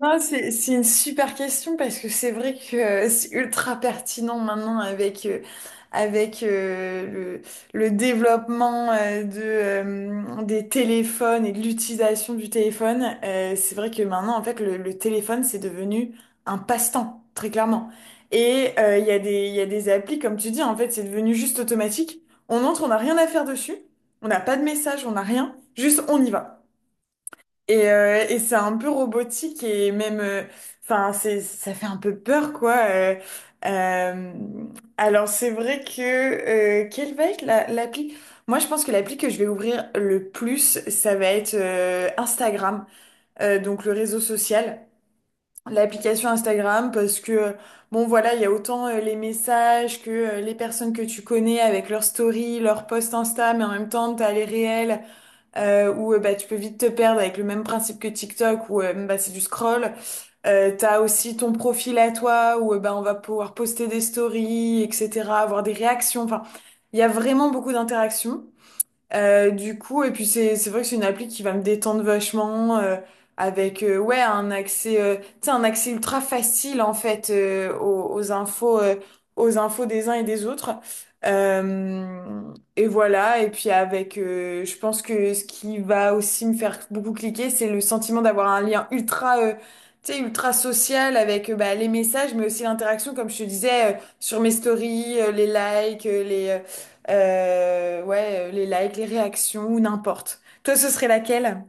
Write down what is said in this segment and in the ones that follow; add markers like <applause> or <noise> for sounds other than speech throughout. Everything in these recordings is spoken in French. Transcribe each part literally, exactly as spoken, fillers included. Non, c'est, c'est une super question parce que c'est vrai que euh, c'est ultra pertinent maintenant avec, euh, avec euh, le, le développement euh, de, euh, des téléphones et de l'utilisation du téléphone. Euh, c'est vrai que maintenant, en fait, le, le téléphone, c'est devenu un passe-temps, très clairement. Et euh, il y a des, il y a des applis, comme tu dis, en fait, c'est devenu juste automatique. On entre, on n'a rien à faire dessus, on n'a pas de message, on n'a rien, juste on y va. Et, euh, et c'est un peu robotique et même, euh, enfin, c'est, ça fait un peu peur, quoi. euh, euh, alors, c'est vrai que, euh, quelle va être la- l'appli? Moi, je pense que l'appli que je vais ouvrir le plus, ça va être euh, Instagram, euh, donc le réseau social. L'application Instagram, parce que, bon, voilà, il y a autant euh, les messages que euh, les personnes que tu connais avec leurs stories, leurs posts Insta, mais en même temps, t'as les réels euh, où euh, bah, tu peux vite te perdre avec le même principe que TikTok où euh, bah, c'est du scroll. Euh, t'as aussi ton profil à toi où euh, bah, on va pouvoir poster des stories, et cetera, avoir des réactions. Enfin, il y a vraiment beaucoup d'interactions. Euh, du coup, et puis c'est c'est vrai que c'est une appli qui va me détendre vachement euh, avec euh, ouais un accès euh, tu sais un accès ultra facile en fait euh, aux, aux infos euh, aux infos des uns et des autres. Euh, et voilà, et puis avec euh, je pense que ce qui va aussi me faire beaucoup cliquer, c'est le sentiment d'avoir un lien ultra euh, tu sais, ultra social avec euh, bah, les messages mais aussi l'interaction comme je te disais euh, sur mes stories, euh, les likes, euh, les euh, euh, ouais, euh, les likes, les réactions, ou n'importe. Toi, ce serait laquelle?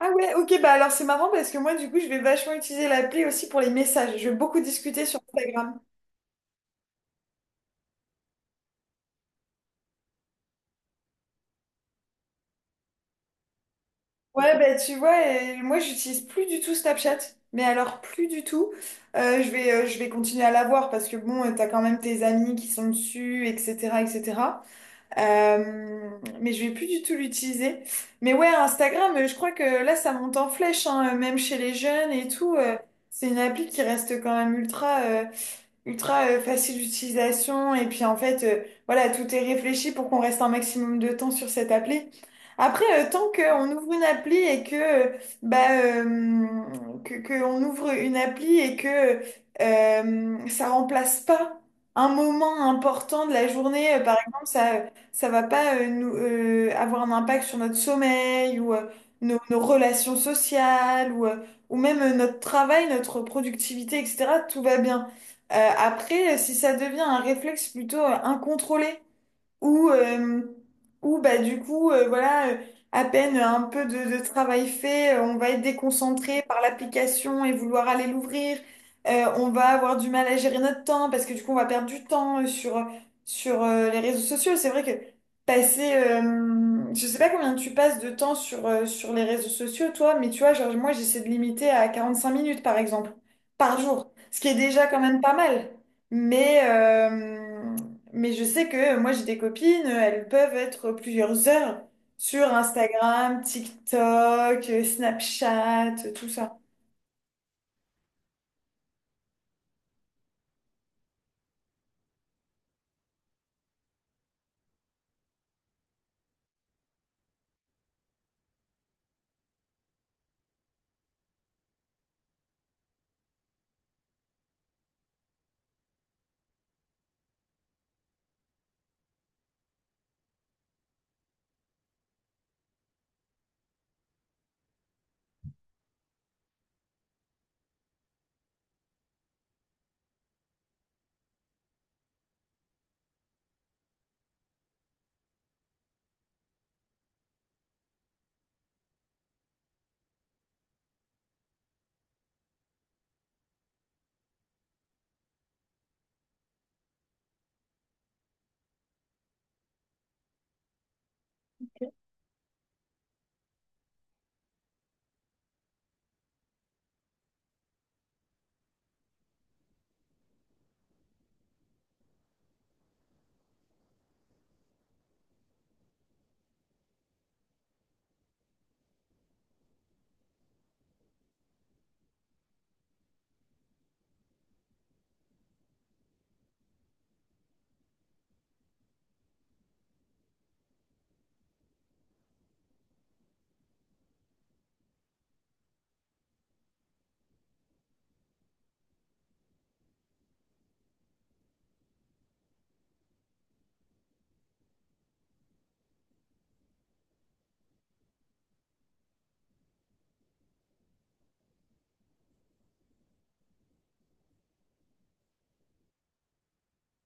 Ah ouais, ok, bah alors c'est marrant parce que moi du coup je vais vachement utiliser l'appli aussi pour les messages. Je vais beaucoup discuter sur Instagram. Ouais, bah tu vois, euh, moi j'utilise plus du tout Snapchat, mais alors plus du tout. Euh, je vais, euh, je vais continuer à l'avoir parce que bon, euh, t'as quand même tes amis qui sont dessus, et cetera, et cetera. Euh, mais je vais plus du tout l'utiliser. Mais ouais, Instagram, euh, je crois que là, ça monte en flèche, hein, euh, même chez les jeunes et tout. Euh, c'est une appli qui reste quand même ultra, euh, ultra euh, facile d'utilisation. Et puis en fait, euh, voilà, tout est réfléchi pour qu'on reste un maximum de temps sur cette appli. Après, euh, tant qu'on ouvre une appli et que, euh, bah, euh, que, que on ouvre une appli et que euh, ça remplace pas un moment important de la journée, euh, par exemple, ça ça va pas euh, nous, euh, avoir un impact sur notre sommeil ou euh, nos, nos relations sociales ou, euh, ou même euh, notre travail, notre productivité, et cetera. Tout va bien. Euh, après, euh, si ça devient un réflexe plutôt euh, incontrôlé, où, euh, où bah, du coup, euh, voilà, euh, à peine un peu de, de travail fait, euh, on va être déconcentré par l'application et vouloir aller l'ouvrir. Euh, on va avoir du mal à gérer notre temps parce que du coup, on va perdre du temps euh, sur, sur euh, les réseaux sociaux. C'est vrai que passer, euh, je sais pas combien tu passes de temps sur, euh, sur les réseaux sociaux, toi, mais tu vois, genre, moi, j'essaie de limiter à quarante cinq minutes, par exemple, par jour, ce qui est déjà quand même pas mal. Mais, euh, mais je sais que moi, j'ai des copines, elles peuvent être plusieurs heures sur Instagram, TikTok, Snapchat, tout ça.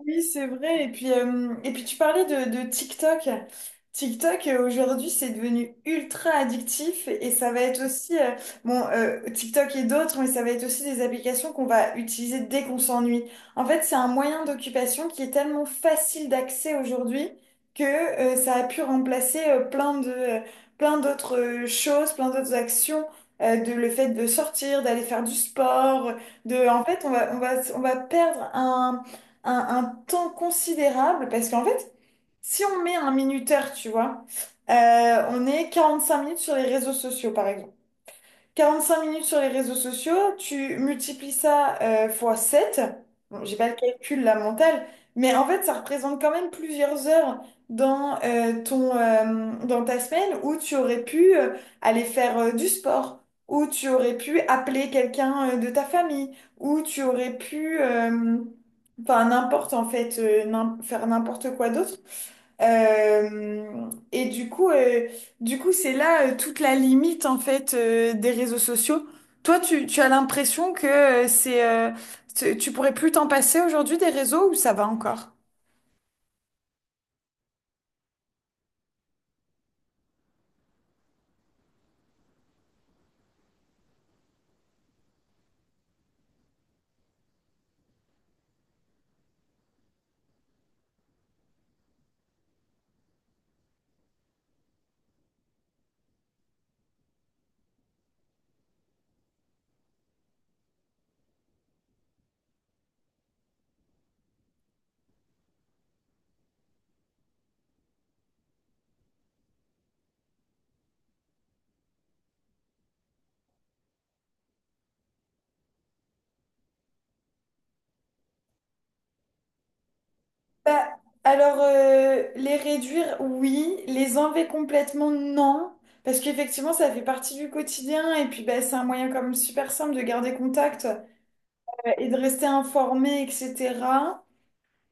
Oui, c'est vrai. Et puis, euh, et puis tu parlais de, de TikTok. TikTok, euh, aujourd'hui, c'est devenu ultra addictif et ça va être aussi, euh, bon, euh, TikTok et d'autres, mais ça va être aussi des applications qu'on va utiliser dès qu'on s'ennuie. En fait, c'est un moyen d'occupation qui est tellement facile d'accès aujourd'hui que, euh, ça a pu remplacer, euh, plein de, euh, plein d'autres euh, choses, plein d'autres actions, euh, de le fait de sortir, d'aller faire du sport, de, en fait, on va, on va, on va perdre un un, un temps considérable parce qu'en fait, si on met un minuteur, tu vois, euh, on est quarante cinq minutes sur les réseaux sociaux, par exemple quarante-cinq minutes sur les réseaux sociaux, tu multiplies ça euh, fois sept. Bon, j'ai pas le calcul, la mentale, mais en fait, ça représente quand même plusieurs heures dans, euh, ton, euh, dans ta semaine où tu aurais pu euh, aller faire euh, du sport, où tu aurais pu appeler quelqu'un euh, de ta famille, où tu aurais pu, euh, enfin, n'importe en fait, euh, n'im- faire n'importe quoi d'autre. Euh, et du coup, euh, du coup, c'est là euh, toute la limite en fait euh, des réseaux sociaux. Toi, tu, tu as l'impression que euh, c'est, euh, tu tu pourrais plus t'en passer aujourd'hui des réseaux ou ça va encore? Bah, alors, euh, les réduire, oui. Les enlever complètement, non. Parce qu'effectivement, ça fait partie du quotidien. Et puis, bah, c'est un moyen comme super simple de garder contact euh, et de rester informé, et cetera.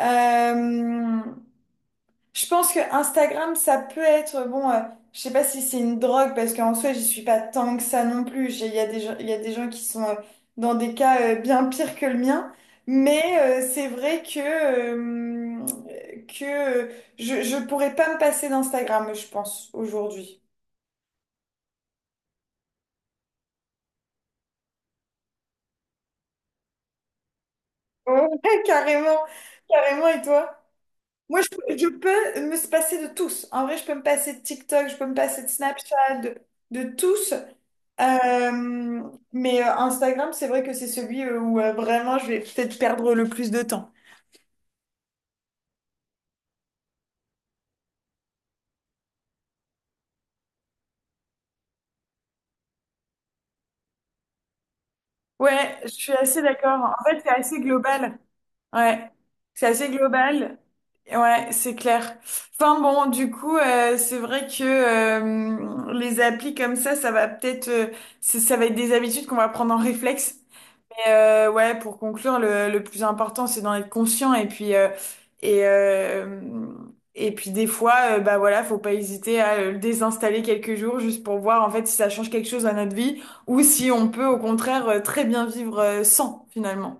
Euh, Je pense que Instagram, ça peut être, bon, euh, je sais pas si c'est une drogue, parce qu'en soi, j'y suis pas tant que ça non plus. J'ai- Il y a des gens, il y a des gens qui sont euh, dans des cas euh, bien pires que le mien. Mais euh, c'est vrai que, euh, que euh, je, je pourrais pas me passer d'Instagram, je pense, aujourd'hui. Ouais, <laughs> carrément, carrément, et toi? Moi, je, je peux me se passer de tous. En vrai, je peux me passer de TikTok, je peux me passer de Snapchat, de, de tous. Euh, mais euh, Instagram, c'est vrai que c'est celui euh, où euh, vraiment je vais peut-être perdre le plus de temps. Ouais, je suis assez d'accord. En fait, c'est assez global. Ouais, c'est assez global. Ouais, c'est clair. Enfin bon, du coup, euh, c'est vrai que euh, les applis comme ça, ça va peut-être, euh, c'est- ça va être des habitudes qu'on va prendre en réflexe. Mais, euh, ouais, pour conclure, le, le plus important, c'est d'en être conscient et puis euh, et euh, et puis des fois, euh, bah voilà, faut pas hésiter à le désinstaller quelques jours juste pour voir en fait si ça change quelque chose à notre vie ou si on peut au contraire euh, très bien vivre euh, sans finalement.